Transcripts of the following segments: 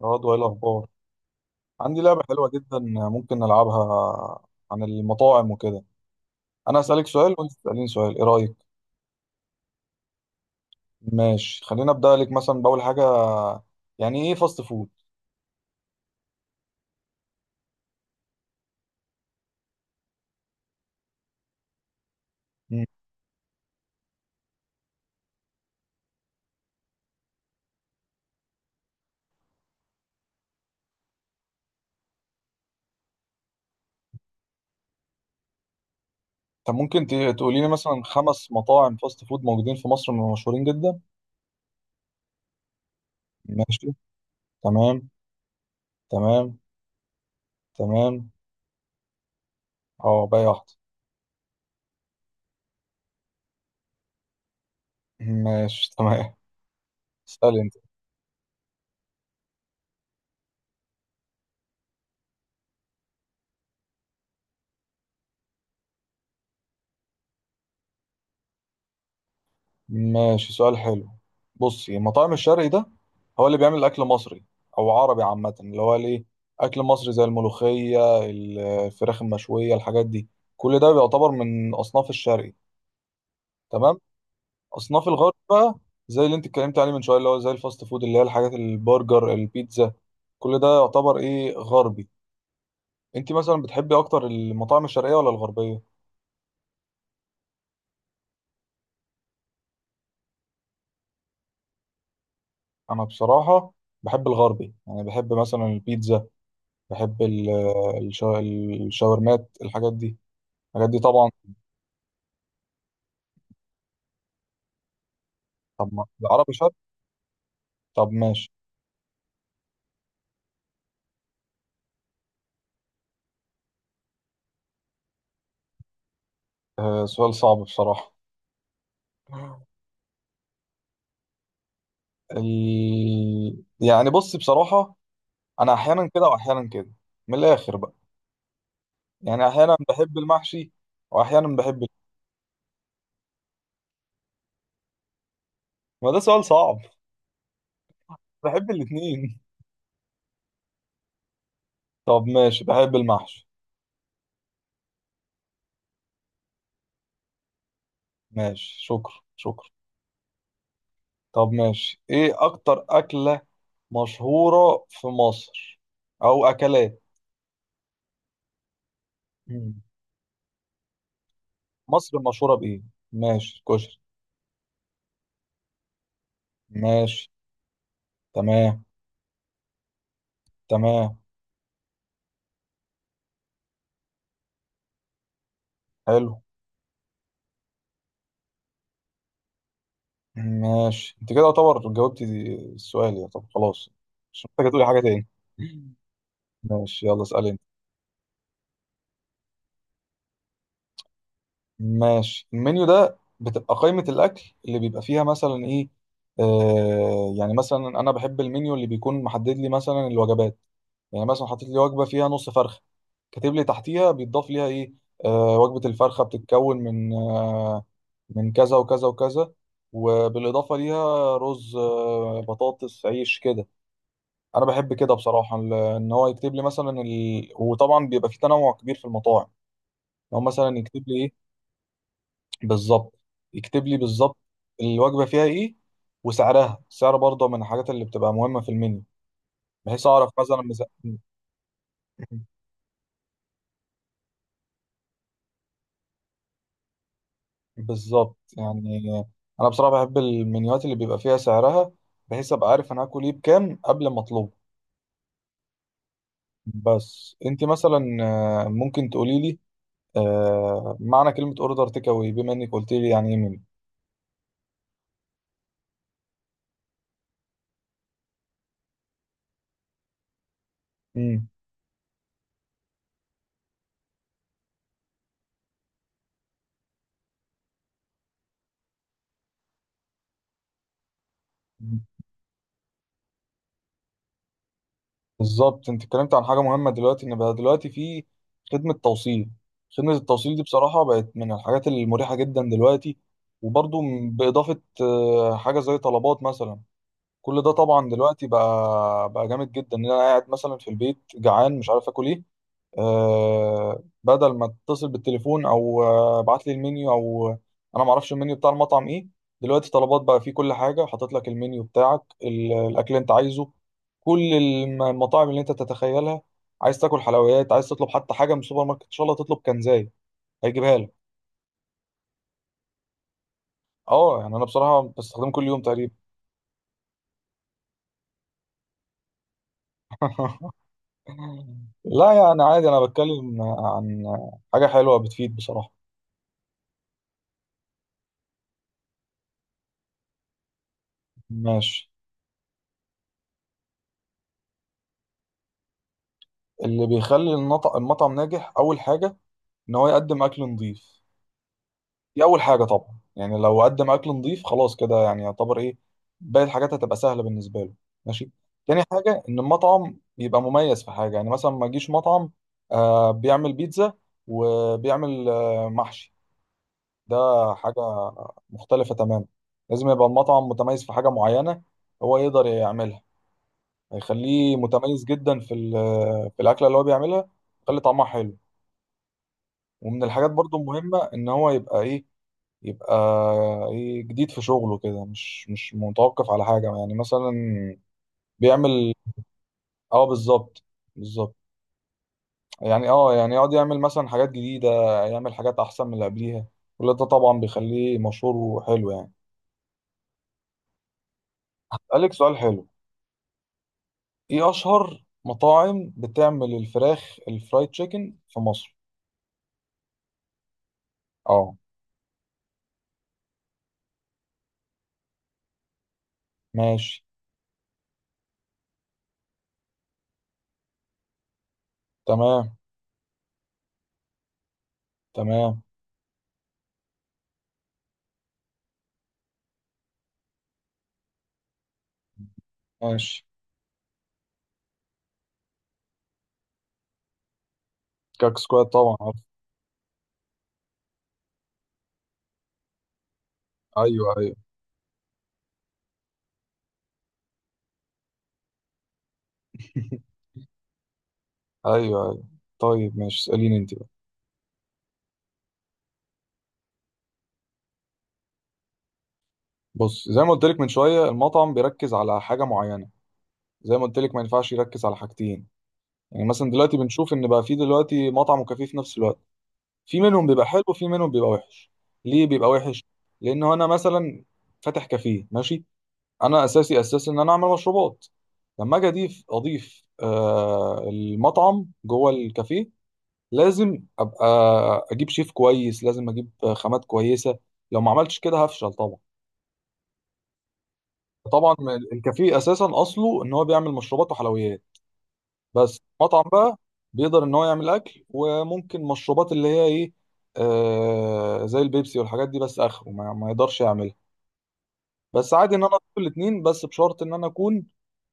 برضه ايه الاخبار؟ عندي لعبه حلوه جدا، ممكن نلعبها؟ عن المطاعم وكده. انا اسالك سؤال وانت تساليني سؤال، ايه رايك؟ ماشي، خلينا ابدا لك مثلا باول حاجه. يعني ايه فاست فود؟ مم. طب ممكن تقولي لي مثلا 5 مطاعم فاست فود موجودين في مصر، مشهورين جدا. ماشي. تمام. تمام. تمام. اه، باقي واحده. ماشي تمام. اسالي. ماشي، سؤال حلو. بصي، مطاعم الشرقي ده هو اللي بيعمل اكل مصري او عربي عامه، اللي هو ليه اكل مصري زي الملوخيه، الفراخ المشويه، الحاجات دي. كل ده بيعتبر من اصناف الشرقي. تمام. اصناف الغرب بقى زي اللي انت اتكلمت عليه من شويه، اللي هو زي الفاست فود، اللي هي الحاجات البرجر البيتزا، كل ده يعتبر ايه غربي. انت مثلا بتحبي اكتر المطاعم الشرقيه ولا الغربيه؟ انا بصراحه بحب الغربي، يعني بحب مثلا البيتزا، بحب الشا- الشاورمات، الحاجات دي، الحاجات دي طبعا. طب ما العربي شرق. طب ماشي. آه، سؤال صعب بصراحة. يعني بص بصراحة، أنا أحيانا كده وأحيانا كده. من الآخر بقى، يعني أحيانا بحب المحشي، وأحيانا بحب ما ده سؤال صعب. بحب الاتنين. طب ماشي، بحب المحشي. ماشي. شكرا شكرا. طب ماشي، إيه أكتر أكلة مشهورة في مصر أو أكلات؟ مصر مشهورة بإيه؟ ماشي كشري. ماشي. تمام. تمام. حلو. ماشي، أنت كده يعتبر جاوبتي السؤال يا، طب خلاص. مش محتاجة تقولي حاجة تاني. ماشي، يلا اسألي أنت. ماشي، المنيو ده بتبقى قائمة الأكل اللي بيبقى فيها مثلا إيه. آه، يعني مثلا أنا بحب المنيو اللي بيكون محدد لي مثلا الوجبات. يعني مثلا حاطط لي وجبة فيها نص فرخة، كاتب لي تحتيها بيتضاف ليها إيه. وجبة الفرخة بتتكون من من كذا وكذا وكذا، وبالإضافة ليها رز، بطاطس، عيش كده. أنا بحب كده بصراحة، إن هو يكتب لي مثلا وطبعا بيبقى في تنوع كبير في المطاعم. لو مثلا يكتب لي إيه بالظبط، يكتب لي بالظبط الوجبة فيها إيه وسعرها. السعر برضه من الحاجات اللي بتبقى مهمة في المنيو، بحيث أعرف مثلا بالظبط. يعني أنا بصراحة بحب المنيوات اللي بيبقى فيها سعرها، بحيث أبقى عارف أنا هاكل إيه بكام قبل ما أطلبه. بس انت مثلا، ممكن تقولي لي معنى كلمة اوردر تيك اواي، بما انك قلت لي يعني ايه من. مم. بالظبط. انت اتكلمت عن حاجة مهمة دلوقتي، ان بقى دلوقتي في خدمة توصيل. خدمة التوصيل دي بصراحة بقت من الحاجات المريحة جدا دلوقتي. وبرضو بإضافة حاجة زي طلبات مثلا، كل ده طبعا دلوقتي بقى جامد جدا، ان انا قاعد مثلا في البيت جعان مش عارف اكل ايه. بدل ما اتصل بالتليفون او ابعت لي المنيو او انا ما اعرفش المنيو بتاع المطعم ايه، دلوقتي طلبات بقى فيه كل حاجه، حاطط لك المنيو بتاعك، الاكل اللي انت عايزه، كل المطاعم اللي انت تتخيلها. عايز تاكل حلويات، عايز تطلب حتى حاجه من السوبر ماركت، ان شاء الله تطلب كنزاي هيجيبها لك. اه يعني انا بصراحه بستخدمه كل يوم تقريبا. لا يعني عادي، انا بتكلم عن حاجه حلوه بتفيد بصراحه. ماشي. اللي بيخلي المطعم ناجح اول حاجه ان هو يقدم اكل نظيف. دي اول حاجه طبعا، يعني لو قدم اكل نظيف خلاص كده يعني يعتبر ايه، باقي الحاجات هتبقى سهله بالنسبه له. ماشي. تاني حاجه، ان المطعم يبقى مميز في حاجه. يعني مثلا ما يجيش مطعم بيعمل بيتزا وبيعمل محشي، ده حاجه مختلفه تماما. لازم يبقى المطعم متميز في حاجه معينه، هو يقدر يعملها، هيخليه متميز جدا في في الاكله اللي هو بيعملها، يخلي طعمها حلو. ومن الحاجات برضو المهمة ان هو يبقى ايه، يبقى ايه جديد في شغله كده، مش متوقف على حاجة. يعني مثلا بيعمل اه بالظبط. بالظبط يعني اه، يعني يقعد يعمل مثلا حاجات جديدة، يعمل حاجات احسن من اللي قبليها، كل ده طبعا بيخليه مشهور وحلو يعني. قالك سؤال حلو. ايه اشهر مطاعم بتعمل الفراخ الفرايد تشيكن في مصر؟ اه. ماشي. تمام. تمام. ماشي. كاك سكواد طبعا عارف. ايوه ايوه. ايوه ايوه. طيب، ماشي. اساليني انت بقى. بص، زي ما قلت لك من شويه المطعم بيركز على حاجه معينه، زي ما قلت لك ما ينفعش يركز على حاجتين. يعني مثلا دلوقتي بنشوف ان بقى في دلوقتي مطعم وكافيه في نفس الوقت، في منهم بيبقى حلو وفي منهم بيبقى وحش. ليه بيبقى وحش؟ لان انا مثلا فاتح كافيه، ماشي، انا اساسي اساسي ان انا اعمل مشروبات. لما اجي اضيف المطعم جوه الكافيه، لازم ابقى اجيب شيف كويس، لازم اجيب خامات كويسه. لو ما عملتش كده هفشل طبعا. طبعا الكافيه اساسا اصله ان هو بيعمل مشروبات وحلويات. بس مطعم بقى بيقدر ان هو يعمل اكل وممكن مشروبات، اللي هي ايه زي البيبسي والحاجات دي، بس اخره ما يقدرش يعملها. بس عادي ان انا اكل الاثنين، بس بشرط ان انا اكون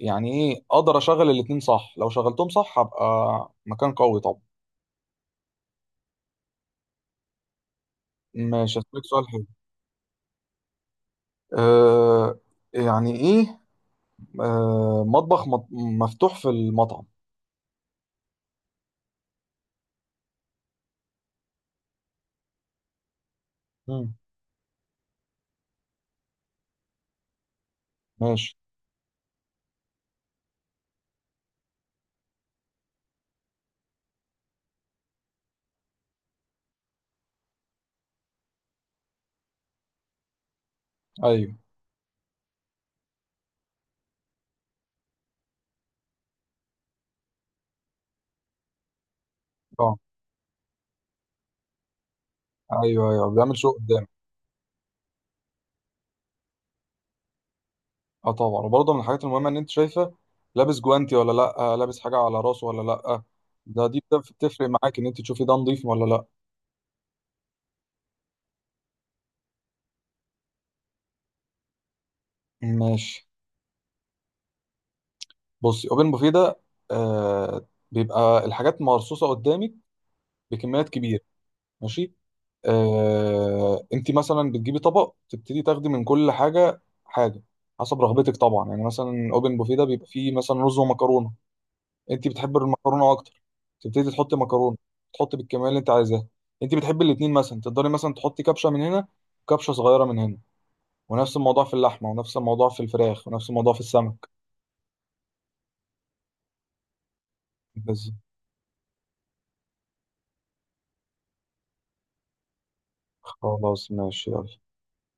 يعني ايه اقدر اشغل الاثنين صح. لو شغلتهم صح هبقى مكان قوي طبعا. ماشي هسألك سؤال حلو. آه يعني ايه مطبخ مفتوح في المطعم؟ مم. ماشي. ايوه اه ايوه ايوه بيعمل شغل. اه طبعا، وبرضه من الحاجات المهمه ان انت شايفه لابس جوانتي ولا لا، لابس حاجه على راسه ولا لا. دي بتفرق معاك ان انت تشوفي ده نظيف ولا لا. ماشي. بصي، اوبن بوفيه ده بيبقى الحاجات مرصوصه قدامك بكميات كبيره. ماشي. آه، انت مثلا بتجيبي طبق تبتدي تاخدي من كل حاجه حاجه، حسب رغبتك طبعا. يعني مثلا اوبن بوفيه ده بيبقى فيه مثلا رز ومكرونه، انت بتحب المكرونه اكتر تبتدي تحطي مكرونه، تحطي بالكميه اللي انت عايزاها. انت بتحبي الاتنين، مثلا تقدري مثلا تحطي كبشه من هنا وكبشه صغيره من هنا، ونفس الموضوع في اللحمه ونفس الموضوع في الفراخ ونفس الموضوع في السمك. بس. خلاص ماشي يلا.